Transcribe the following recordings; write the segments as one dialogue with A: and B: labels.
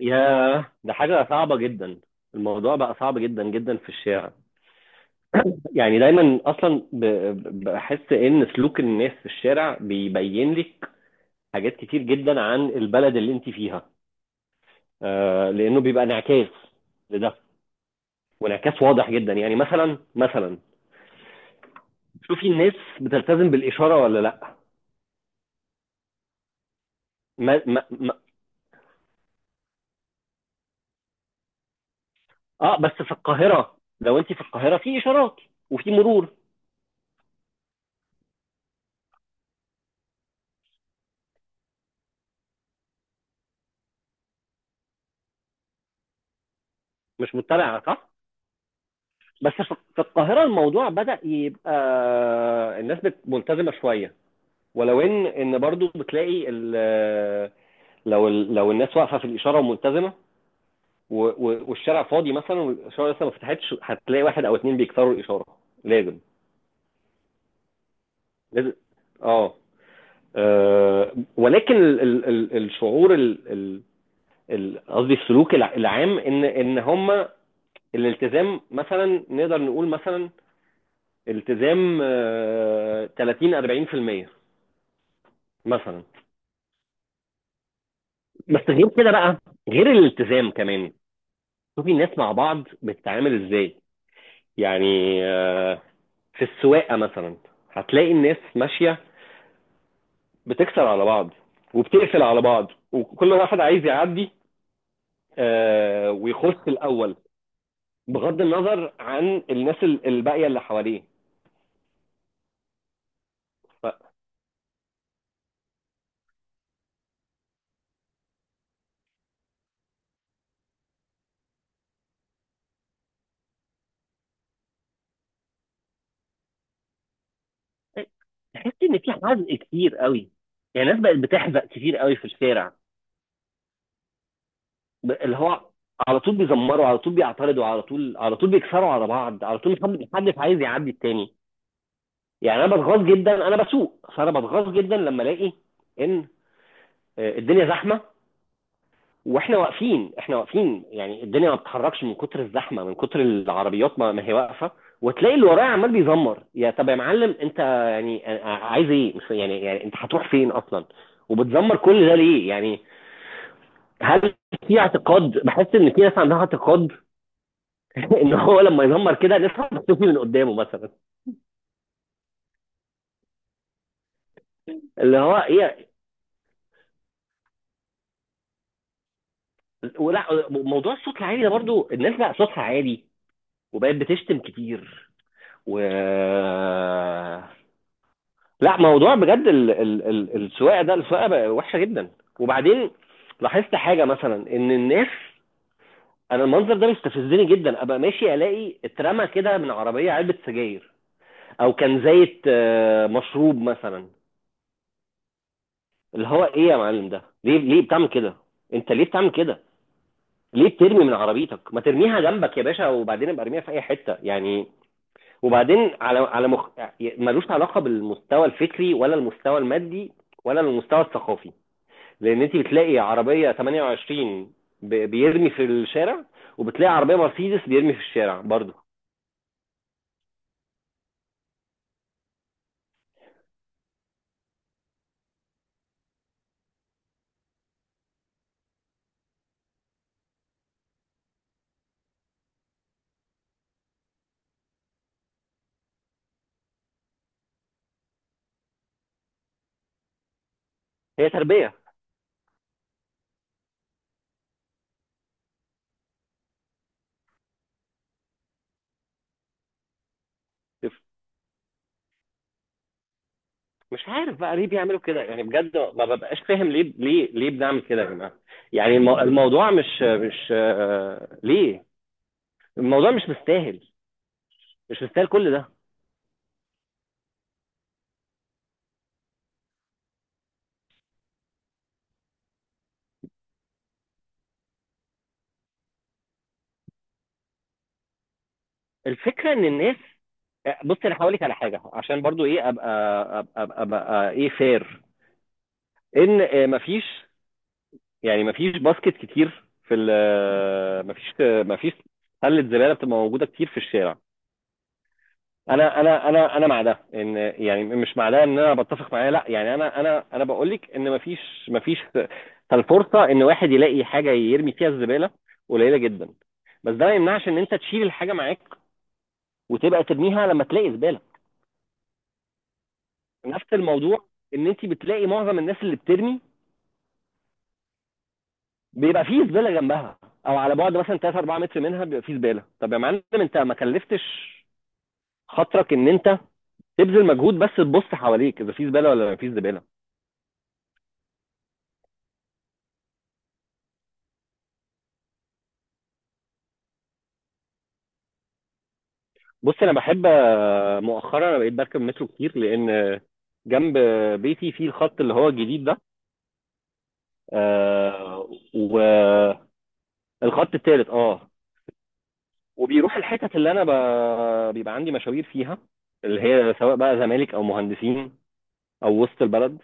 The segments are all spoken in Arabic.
A: ياه ده حاجة صعبة جدا. الموضوع بقى صعب جدا جدا في الشارع. يعني دايما اصلا بحس ان سلوك الناس في الشارع بيبين لك حاجات كتير جدا عن البلد اللي انت فيها. آه، لانه بيبقى انعكاس لده، وانعكاس واضح جدا. يعني مثلا شوفي الناس بتلتزم بالاشاره ولا لا. ما ما ما اه بس في القاهره، لو انت في القاهره في اشارات وفي مرور. مش متبعه، صح. بس في القاهرة الموضوع بدأ يبقى، الناس ملتزمة شوية. ولو ان برضو بتلاقي لو لو الناس واقفة في الإشارة وملتزمة والشارع فاضي مثلا والإشارة لسه ما فتحتش، هتلاقي واحد أو اتنين بيكسروا الإشارة. لازم. لازم. اه. ولكن الشعور قصدي السلوك العام، ان هم الالتزام. مثلا نقدر نقول مثلا التزام 30 40%، مثلا. بس غير كده بقى، غير الالتزام كمان، شوفي الناس مع بعض بتتعامل ازاي. يعني، آه، في السواقه مثلا، هتلاقي الناس ماشيه بتكسر على بعض وبتقفل على بعض وكل واحد عايز يعدي ويخش الاول بغض النظر عن الناس الباقيه اللي حواليه. ف- تحس ان في حزق كتير قوي. يعني الناس بقت بتحزق كتير قوي في الشارع. اللي هو، على طول بيزمروا، على طول بيعترضوا، على طول على طول بيكسروا على بعض، على طول محدش عايز يعدي التاني. يعني انا بتغاظ جدا، انا بسوق فانا بتغاظ جدا لما الاقي ان الدنيا زحمه واحنا واقفين، احنا واقفين. يعني الدنيا ما بتتحركش من كتر الزحمه، من كتر العربيات ما هي واقفه، وتلاقي اللي ورايا عمال بيزمر. يا طب يا معلم، انت يعني عايز ايه؟ مش يعني يعني انت هتروح فين اصلا؟ وبتزمر كل ده ليه يعني؟ هل في اعتقاد، بحس ان في ناس عندها اعتقاد، ان هو لما يزمر كده نفهم مكتوفي من قدامه مثلا. اللي هو ايه ولا موضوع الصوت العالي ده؟ برضو الناس بقى صوتها عالي وبقت بتشتم كتير. و، لا، موضوع بجد، السواقه ده، السواقه بقى وحشه جدا. وبعدين لاحظت حاجه، مثلا ان الناس، انا المنظر ده بيستفزني جدا. ابقى ماشي الاقي اترمى كده من عربيه علبه سجاير او كان زيت، مشروب مثلا. اللي هو ايه يا معلم؟ ده ليه؟ ليه بتعمل كده؟ انت ليه بتعمل كده؟ ليه بترمي من عربيتك؟ ما ترميها جنبك يا باشا، وبعدين ابقى ارميها في اي حته يعني. وبعدين، على على يعني ملوش علاقه بالمستوى الفكري ولا المستوى المادي ولا المستوى الثقافي. لان انت بتلاقي عربيه 28 بيرمي في الشارع، وبتلاقي عربيه مرسيدس بيرمي في الشارع برضه. هي تربيه. مش عارف بقى ليه بيعملوا كده يعني، بجد ما ببقاش فاهم. ليه ليه ليه بنعمل كده يا جماعه؟ يعني الموضوع مش مش، ليه؟ الموضوع مش مستاهل. مش مستاهل كل ده. الفكره ان الناس، بص انا هقول لك على حاجه، عشان برضو ايه، أبقى ايه فير. ان مفيش، يعني مفيش باسكت كتير في ال، مفيش، مفيش سله زباله بتبقى موجوده كتير في الشارع. انا مع ده ان، يعني مش مع ده ان انا بتفق معاه، لا، يعني انا بقول لك ان مفيش. مفيش، فالفرصه ان واحد يلاقي حاجه يرمي فيها الزباله قليله جدا. بس ده ما يمنعش ان انت تشيل الحاجه معاك وتبقى ترميها لما تلاقي زباله. نفس الموضوع، ان انت بتلاقي معظم الناس اللي بترمي بيبقى فيه زباله جنبها، او على بعد مثلا 3 4 متر منها بيبقى فيه زباله. طب يا معلم انت ما كلفتش خاطرك ان انت تبذل مجهود بس تبص حواليك اذا في زباله ولا ما فيش زباله. بص انا بحب، مؤخرا انا بقيت بركب مترو كتير لان، جنب بيتي في الخط اللي هو الجديد ده. آه. والخط التالت، اه. وبيروح الحتت اللي انا بيبقى عندي مشاوير فيها، اللي هي سواء بقى زمالك او مهندسين او وسط البلد.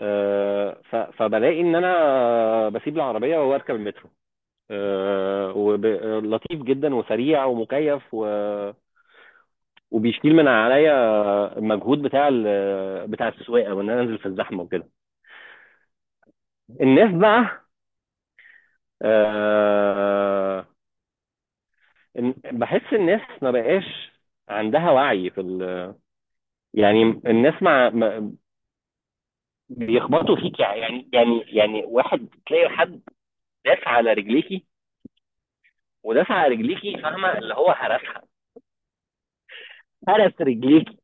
A: فبلاقي ان انا بسيب العربيه واركب المترو، ولطيف جدا وسريع ومكيف وبيشيل من عليا المجهود بتاع بتاع السواقه، وان انا انزل في الزحمه وكده. الناس بقى، آه، بحس الناس ما بقاش عندها وعي في ال... يعني الناس بيخبطوا فيك، يعني يعني واحد، تلاقي حد داس على رجليكي ودافع رجليكي، فاهمه؟ اللي هو هرسها، هرس رجليكي.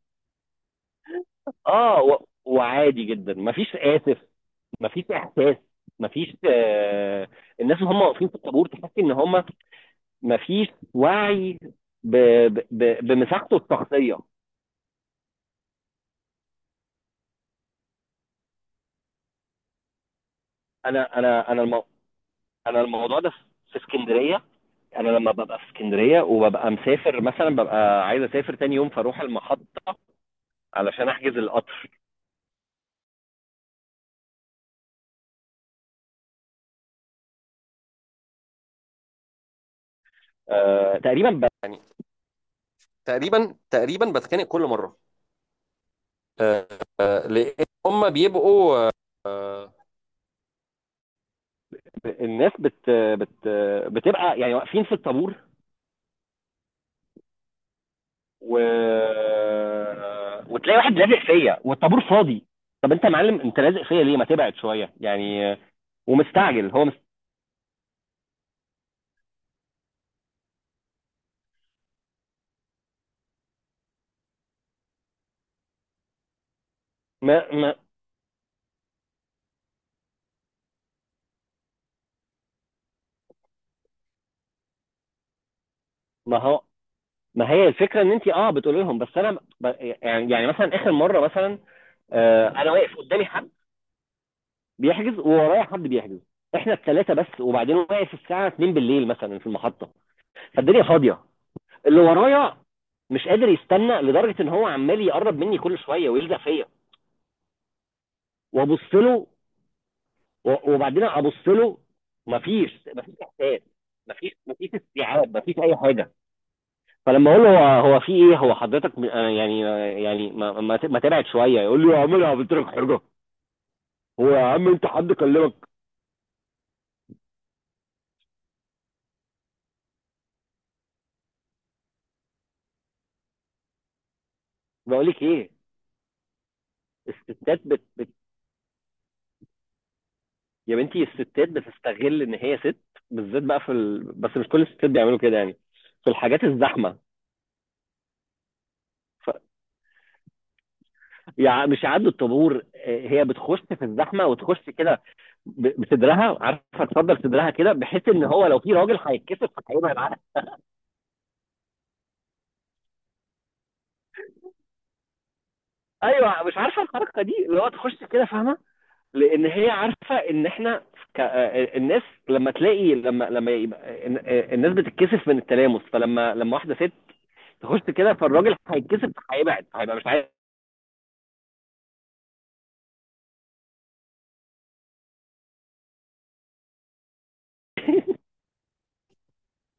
A: اه وعادي جدا، مفيش اسف، مفيش احساس، مفيش آه. الناس اللي هم واقفين في الطابور تحس ان هم مفيش وعي ب... بمساحته الشخصيه. انا انا الموضوع ده في اسكندريه، انا لما ببقى في اسكندريه وببقى مسافر مثلا، ببقى عايز اسافر تاني يوم فاروح المحطه علشان احجز القطر. آه تقريبا يعني، تقريبا بتخانق كل مره. آه، لان هم بيبقوا، آه، الناس بت بت بتبقى يعني واقفين في الطابور و... وتلاقي واحد لازق فيا والطابور فاضي. طب انت يا معلم انت لازق فيا ليه؟ ما تبعد شويه يعني. ومستعجل، هو ما ما ما هو ما هي الفكره، ان انت، اه، بتقولي لهم، بس انا يعني، مثلا اخر مره مثلا، آه، انا واقف قدامي حد بيحجز، وورايا حد بيحجز. احنا الثلاثه بس، وبعدين واقف الساعه 2 بالليل مثلا في المحطه. فالدنيا فاضيه، اللي ورايا مش قادر يستنى لدرجه ان هو عمال يقرب مني كل شويه ويلزق فيا، وابص له وبعدين ابص له، مفيش، مفيش احساس، مفيش، مفيش استيعاب، مفيش اي حاجه. فلما اقول له هو، هو في ايه؟ هو حضرتك م- آه يعني آه يعني ما ما ما تبعد شويه، يقول لي يا عم انا عملت لك حاجه؟ هو يا عم انت حد كلمك؟ بقول لك ايه، الستات يا بنتي الستات بتستغل ان هي ست، بالذات بقى في ال... بس مش كل الستات بيعملوا كده يعني، في الحاجات الزحمه. ف، يعني مش يعدوا الطابور، هي بتخش في الزحمه وتخش كده، بصدرها، عارفه تصدر صدرها كده بحيث ان هو لو في راجل هيتكسر فهيبقى معاها. ايوه، مش عارفه الحركه دي، اللي هو تخش كده، فاهمه؟ لان هي عارفه ان احنا ك... آه، آه، الناس لما تلاقي، لما يبقى، الناس بتتكسف من التلامس، فلما واحده ست تخش كده فالراجل هيتكسف، هيبعد، هيبقى مش عارف.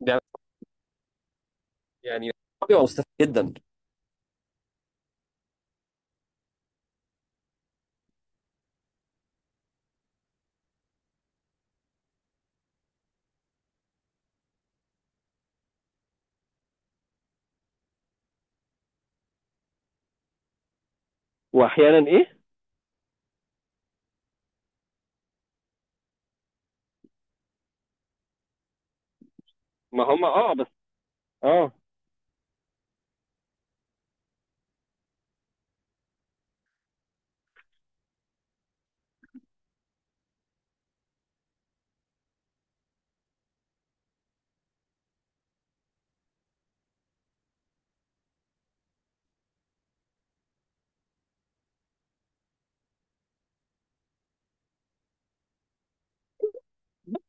A: ده يعني بيبقى مستفز جدا. واحيانا ايه؟ ما هم، اه، بس، اه،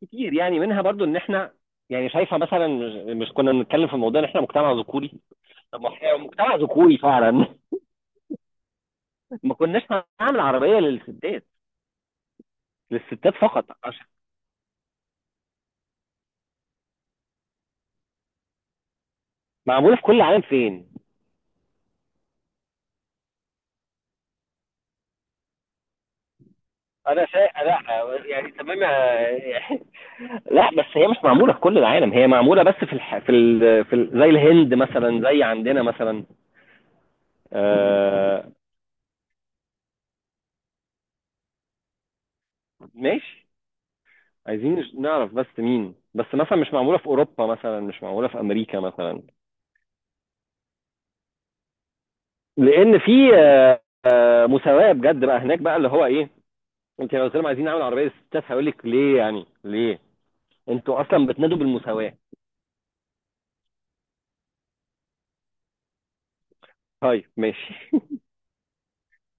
A: كتير يعني منها برضو ان احنا، يعني شايفه مثلا، مش مش كنا بنتكلم في موضوع ان احنا مجتمع ذكوري؟ طب ما احنا مجتمع ذكوري فعلا. ما كناش هنعمل عربيه للستات، للستات فقط عشان. معموله في كل العالم فين؟ انا شايف لا، يعني تمام لا، بس هي مش معموله في كل العالم، هي معموله بس في الح... في ال... في ال... زي الهند مثلا، زي عندنا مثلا. آه. ماشي. عايزين نعرف بس مين، بس مثلا مش معموله في اوروبا مثلا، مش معموله في امريكا مثلا، لان في مساواه بجد بقى هناك بقى، اللي هو ايه، انت لو قلت لهم عايزين نعمل عربيه ستات هيقول لك ليه؟ يعني ليه، انتوا اصلا بتنادوا بالمساواه. طيب، ماشي.